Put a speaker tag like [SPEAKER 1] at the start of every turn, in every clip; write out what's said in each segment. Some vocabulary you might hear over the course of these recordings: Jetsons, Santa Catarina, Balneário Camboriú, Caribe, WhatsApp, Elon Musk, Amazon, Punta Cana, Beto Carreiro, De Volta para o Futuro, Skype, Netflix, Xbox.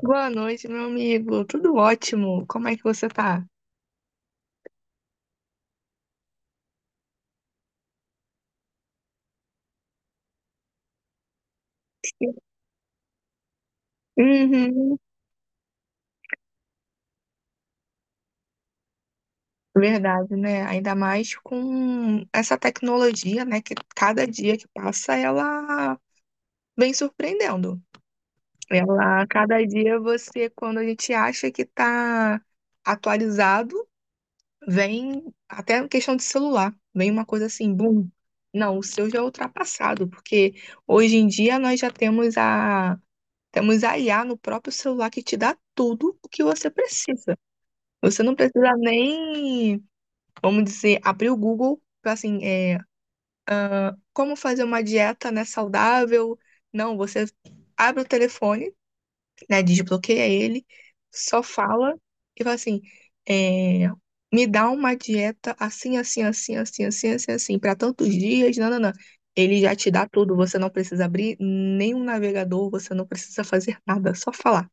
[SPEAKER 1] Boa noite, meu amigo. Tudo ótimo. Como é que você tá? Uhum, verdade, né? Ainda mais com essa tecnologia, né? Que cada dia que passa, ela vem surpreendendo. Ela, cada dia você, quando a gente acha que tá atualizado, vem até a questão de celular. Vem uma coisa assim, bum. Não, o seu já é ultrapassado, porque hoje em dia nós já temos a Temos a IA no próprio celular que te dá tudo o que você precisa. Você não precisa nem, vamos dizer, abrir o Google, para assim, como fazer uma dieta, né, saudável. Não, você abre o telefone, né, desbloqueia ele, só fala e fala assim, é, me dá uma dieta assim, assim, assim, assim, assim, assim, assim, para tantos dias, não, não, não. Ele já te dá tudo, você não precisa abrir nenhum navegador, você não precisa fazer nada, só falar.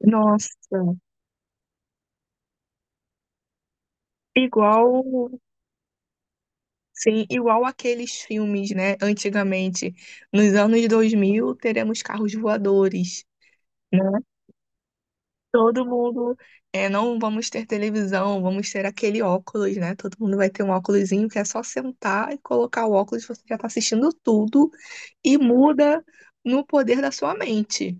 [SPEAKER 1] Nossa, igual, sim, igual aqueles filmes, né? Antigamente, nos anos 2000 teremos carros voadores, né? Todo mundo, não vamos ter televisão, vamos ter aquele óculos, né? Todo mundo vai ter um óculosinho que é só sentar e colocar o óculos, você já tá assistindo tudo e muda no poder da sua mente.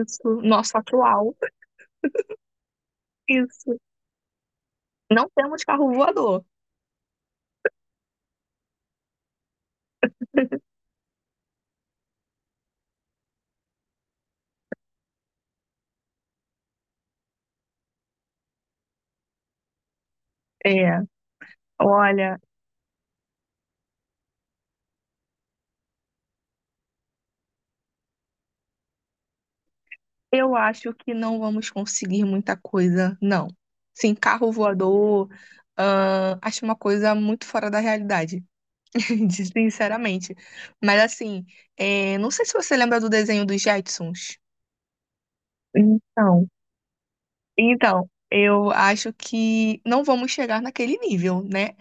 [SPEAKER 1] Isso, nosso atual, isso. Não temos carro voador. É, olha. Eu acho que não vamos conseguir muita coisa, não. Sim, carro voador, acho uma coisa muito fora da realidade, sinceramente. Mas assim, não sei se você lembra do desenho dos Jetsons. Então, então, eu acho que não vamos chegar naquele nível, né?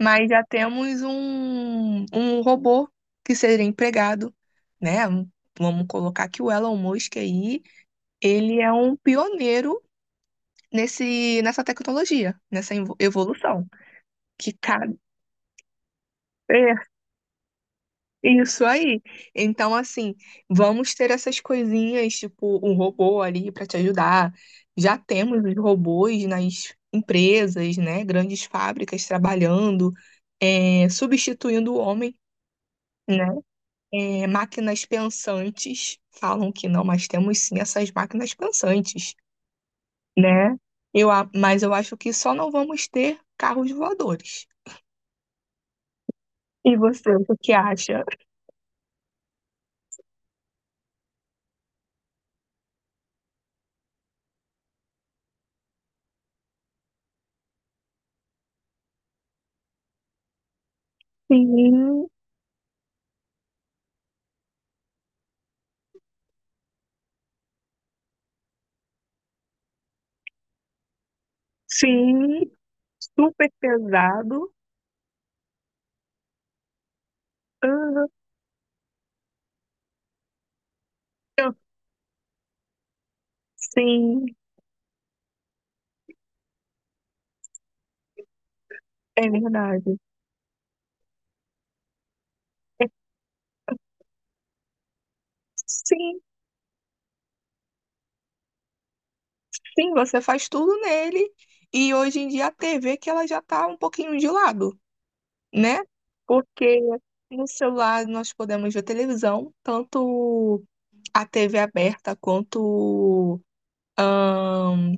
[SPEAKER 1] Mas já temos um robô que seria empregado, né? Vamos colocar que o Elon Musk aí, ele é um pioneiro nessa tecnologia, nessa evolução, que cabe. É, isso aí. Então, assim, vamos ter essas coisinhas, tipo, um robô ali para te ajudar. Já temos os robôs nas empresas, né? Grandes fábricas trabalhando, substituindo o homem, né? É, máquinas pensantes, falam que não, mas temos sim essas máquinas pensantes, né? Mas eu acho que só não vamos ter carros voadores. E você, o que que acha? Sim, sim, super pesado. Aham, eu- sim, é verdade. Sim, sim, você faz tudo nele. E hoje em dia a TV que ela já tá um pouquinho de lado, né? Porque no celular nós podemos ver televisão, tanto a TV aberta quanto ahn,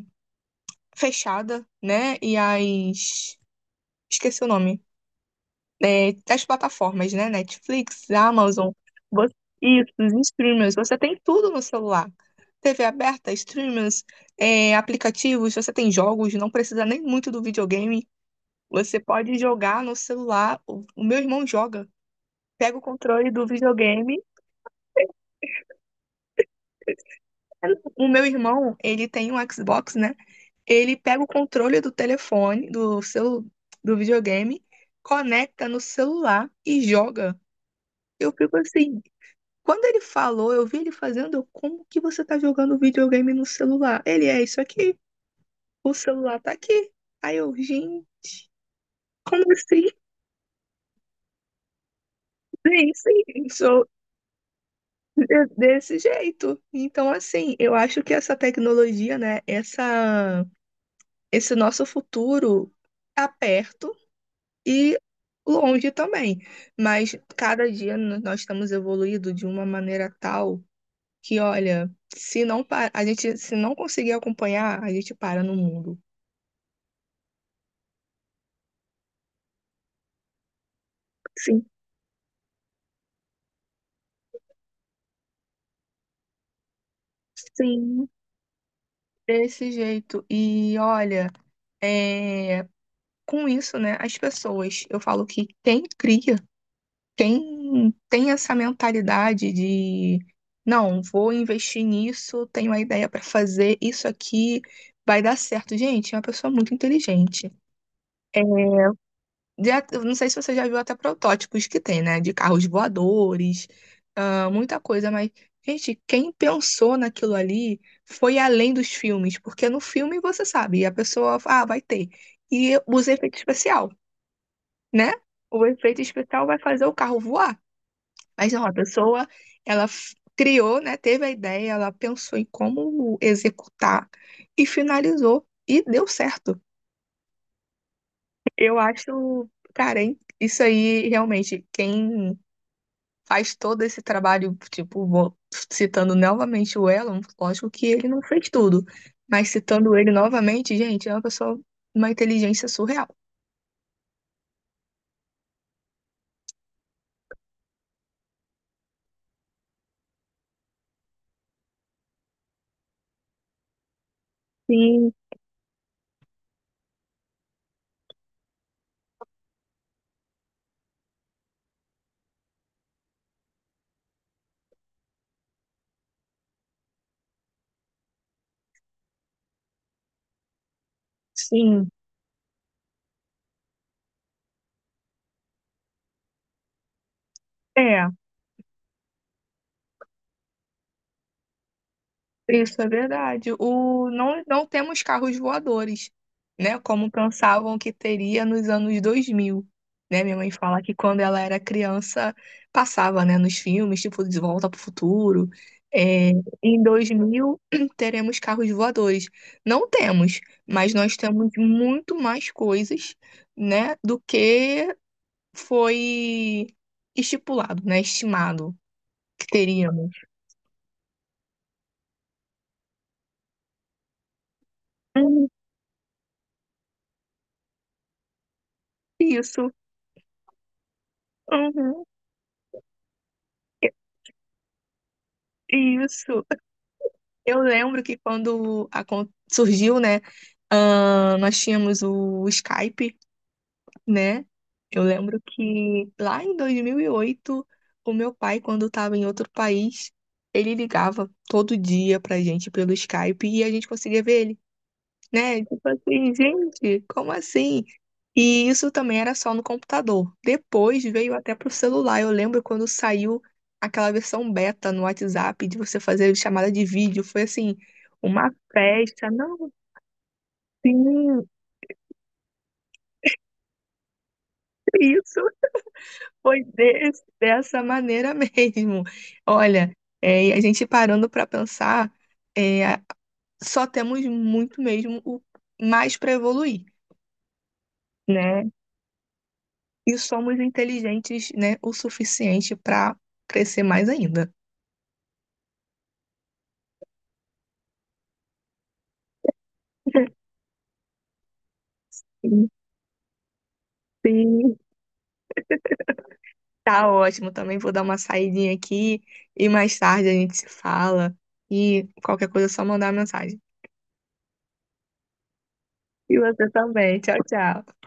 [SPEAKER 1] fechada, né? E as... Esqueci o nome. É, das plataformas, né? Netflix, Amazon, você, isso, os streamers, você tem tudo no celular. TV aberta, streamers, aplicativos, você tem jogos, não precisa nem muito do videogame. Você pode jogar no celular. O meu irmão joga. Pega o controle do videogame. O meu irmão, ele tem um Xbox, né? Ele pega o controle do telefone, do videogame, conecta no celular e joga. Eu fico assim, quando ele falou, eu vi ele fazendo, eu, como que você tá jogando videogame no celular? Ele é isso aqui, o celular tá aqui. Aí eu, gente, como assim? Sim, sim, sou desse jeito. Então, assim, eu acho que essa tecnologia, esse nosso futuro tá perto e longe também. Mas cada dia nós estamos evoluindo de uma maneira tal que, olha, se a gente se não conseguir acompanhar, a gente para no mundo. Sim, sim. Desse jeito. E olha, é, com isso, né, as pessoas, eu falo que quem cria, quem tem essa mentalidade de não, vou investir nisso, tenho uma ideia para fazer, isso aqui vai dar certo. Gente, é uma pessoa muito inteligente. É, já, eu não sei se você já viu até protótipos que tem, né? De carros voadores, ah, muita coisa, mas, gente, quem pensou naquilo ali foi além dos filmes, porque no filme você sabe, a pessoa, ah, vai ter. E usa efeito especial, né? O efeito especial vai fazer o carro voar. Mas não, a pessoa, ela criou, né? Teve a ideia, ela pensou em como executar e finalizou. E deu certo. Eu acho, cara, hein? Isso aí, realmente, quem faz todo esse trabalho, tipo, citando novamente o Elon, lógico que ele não fez tudo, mas citando ele novamente, gente, é uma pessoa, uma inteligência surreal. Sim, sim. É. Isso é verdade. O, não, não temos carros voadores, né? Como pensavam que teria nos anos dois mil, né? Minha mãe fala que quando ela era criança, passava, né? Nos filmes, tipo De Volta para o Futuro. É, em 2000 teremos carros voadores. Não temos, mas nós temos muito mais coisas, né? Do que foi estipulado, né? Estimado que teríamos. Uhum, isso. Uhum. Isso. Eu lembro que quando surgiu, né, nós tínhamos o Skype, né? Eu lembro que lá em 2008, o meu pai, quando estava em outro país, ele ligava todo dia pra gente pelo Skype e a gente conseguia ver ele, né? Tipo assim, gente, como assim? E isso também era só no computador. Depois veio até pro celular. Eu lembro quando saiu aquela versão beta no WhatsApp de você fazer chamada de vídeo. Foi assim, uma festa. Não, sim, isso foi dessa maneira mesmo. Olha, e a gente parando para pensar, é, só temos muito mesmo o mais para evoluir, né? E somos inteligentes, né, o suficiente para crescer mais ainda. Sim. Tá ótimo, também vou dar uma saidinha aqui e mais tarde a gente se fala e qualquer coisa é só mandar mensagem. E você também. Tchau, tchau.